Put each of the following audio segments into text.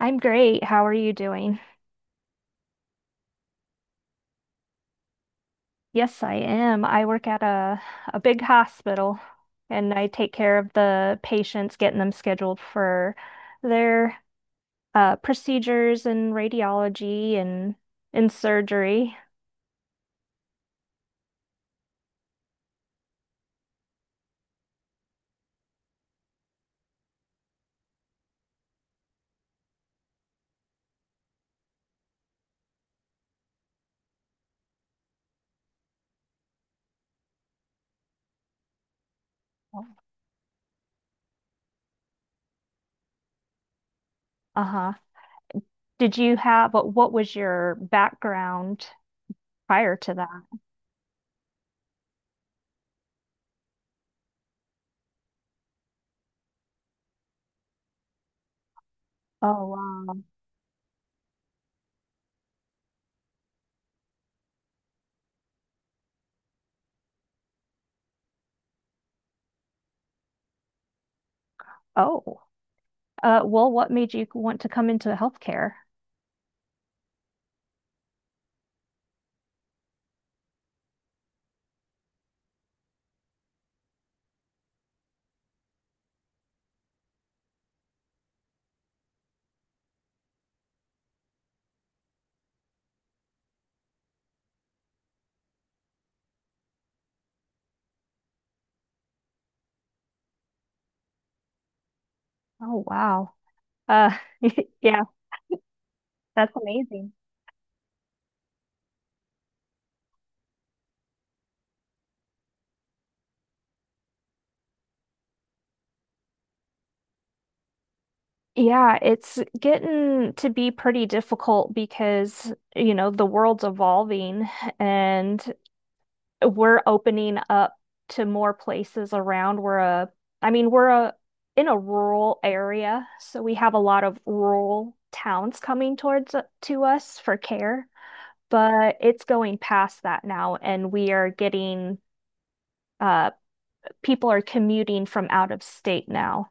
I'm great. How are you doing? Yes, I am. I work at a big hospital and I take care of the patients, getting them scheduled for their procedures and radiology and surgery. Oh. Uh-huh. Did you have what was your background prior to that? Oh, wow. Oh. Well, what made you want to come into healthcare? Oh, wow. Uh, yeah, that's amazing. Yeah, it's getting to be pretty difficult because, you know, the world's evolving and we're opening up to more places around. I mean, we're a in a rural area, so we have a lot of rural towns coming towards to us for care, but it's going past that now, and we are getting uh people are commuting from out of state now.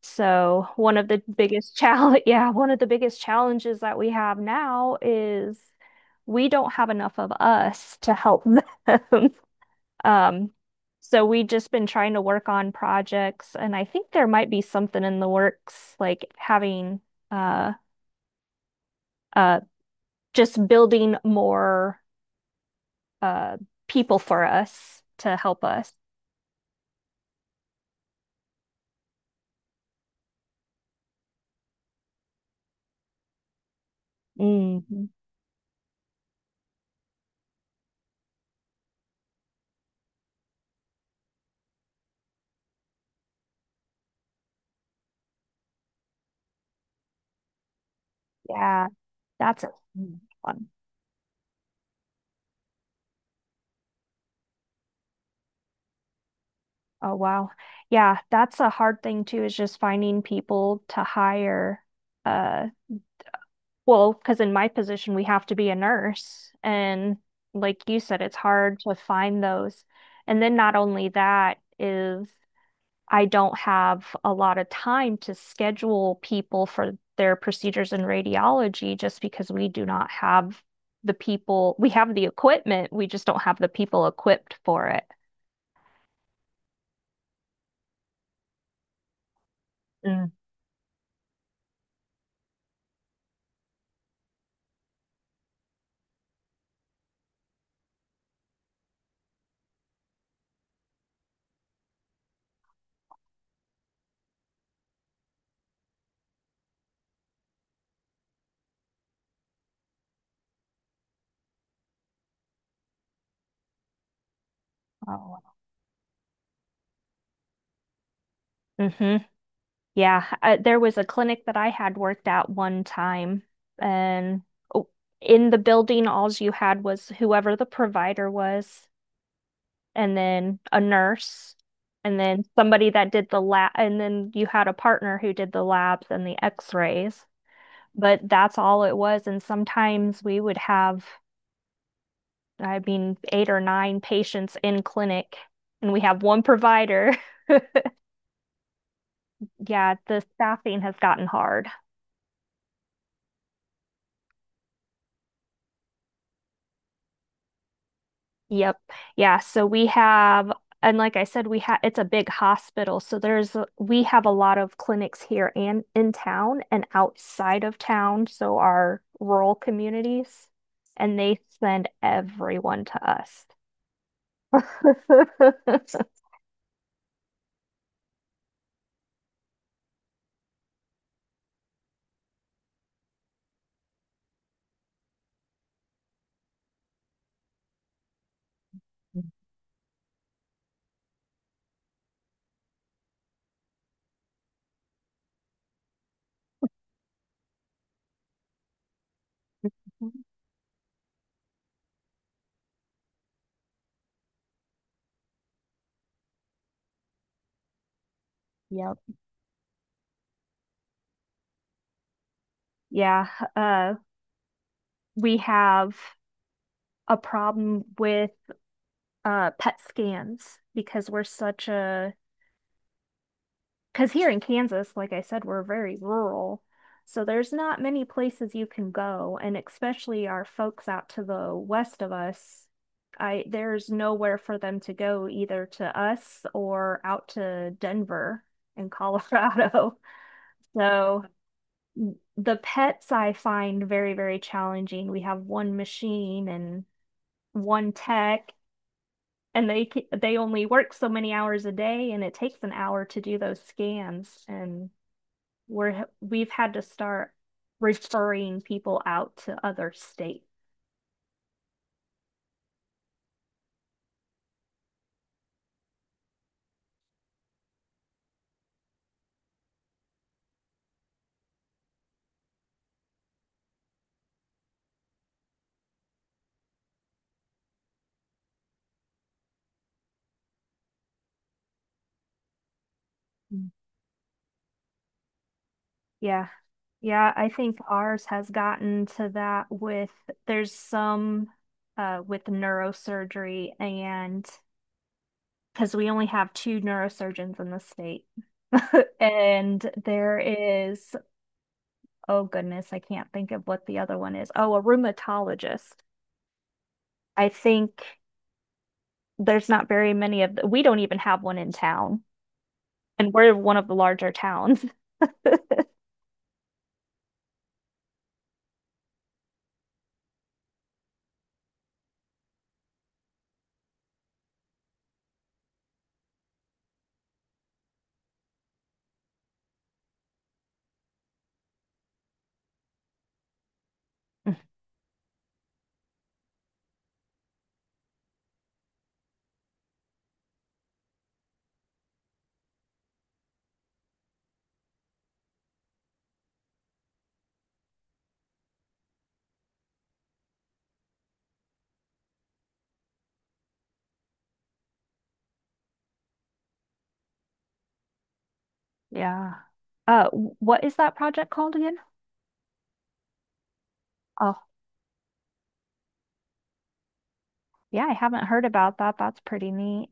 So one of the biggest challenge, yeah, one of the biggest challenges that we have now is we don't have enough of us to help them. Um, so we've just been trying to work on projects, and I think there might be something in the works, like having uh uh just building more uh people for us to help us. Mhm. Yeah, that's a fun one. Oh, wow. Yeah, that's a hard thing too, is just finding people to hire. Uh, well, because in my position, we have to be a nurse. And like you said, it's hard to find those. And then not only that is I don't have a lot of time to schedule people for their procedures in radiology just because we do not have the people. We have the equipment, we just don't have the people equipped for it. Mm. Oh, wow. Mhm. Yeah, there was a clinic that I had worked at one time, and oh, in the building, all you had was whoever the provider was, and then a nurse, and then somebody that did the lab, and then you had a partner who did the labs and the x-rays. But that's all it was. And sometimes we would have, I mean, eight or nine patients in clinic, and we have one provider. Yeah, the staffing has gotten hard. Yep. Yeah. And like I said, we have, it's a big hospital. So we have a lot of clinics here and in town and outside of town. So our rural communities, and they send everyone to us. Yep. Yeah. Uh, we have a problem with PET scans because we're such a Because here in Kansas, like I said, we're very rural. So there's not many places you can go, and especially our folks out to the west of us, I there's nowhere for them to go either to us or out to Denver and Colorado. So the pets I find very, very challenging. We have one machine and one tech, and they only work so many hours a day, and it takes an hour to do those scans and we're we've had to start referring people out to other states. Mm. Yeah. Yeah, I think ours has gotten to that with there's some with neurosurgery and because we only have two neurosurgeons in the state. And there is, oh goodness, I can't think of what the other one is. Oh, a rheumatologist. I think there's not very many of the, we don't even have one in town. And we're one of the larger towns. Mhm. Yeah. What is that project called again? Oh, yeah, I haven't heard about that. That's pretty neat.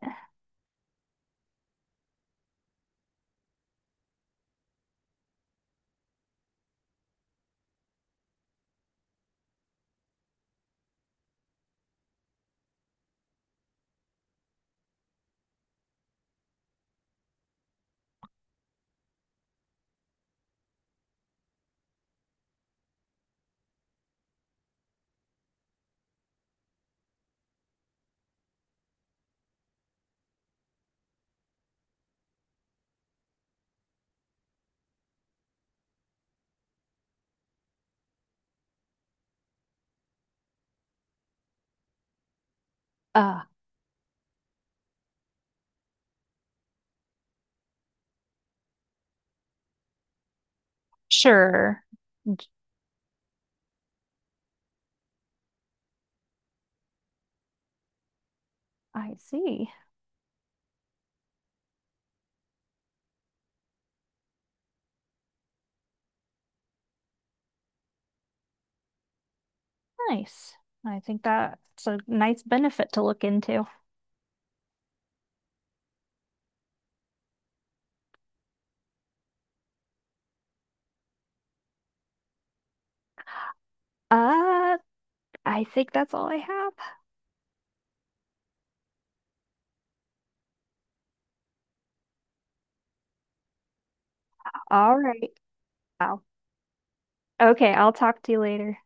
Uh, sure. I see. Nice. I think that's a nice benefit to look into. Uh, I think that's all I have. All right. Wow. Okay, I'll talk to you later.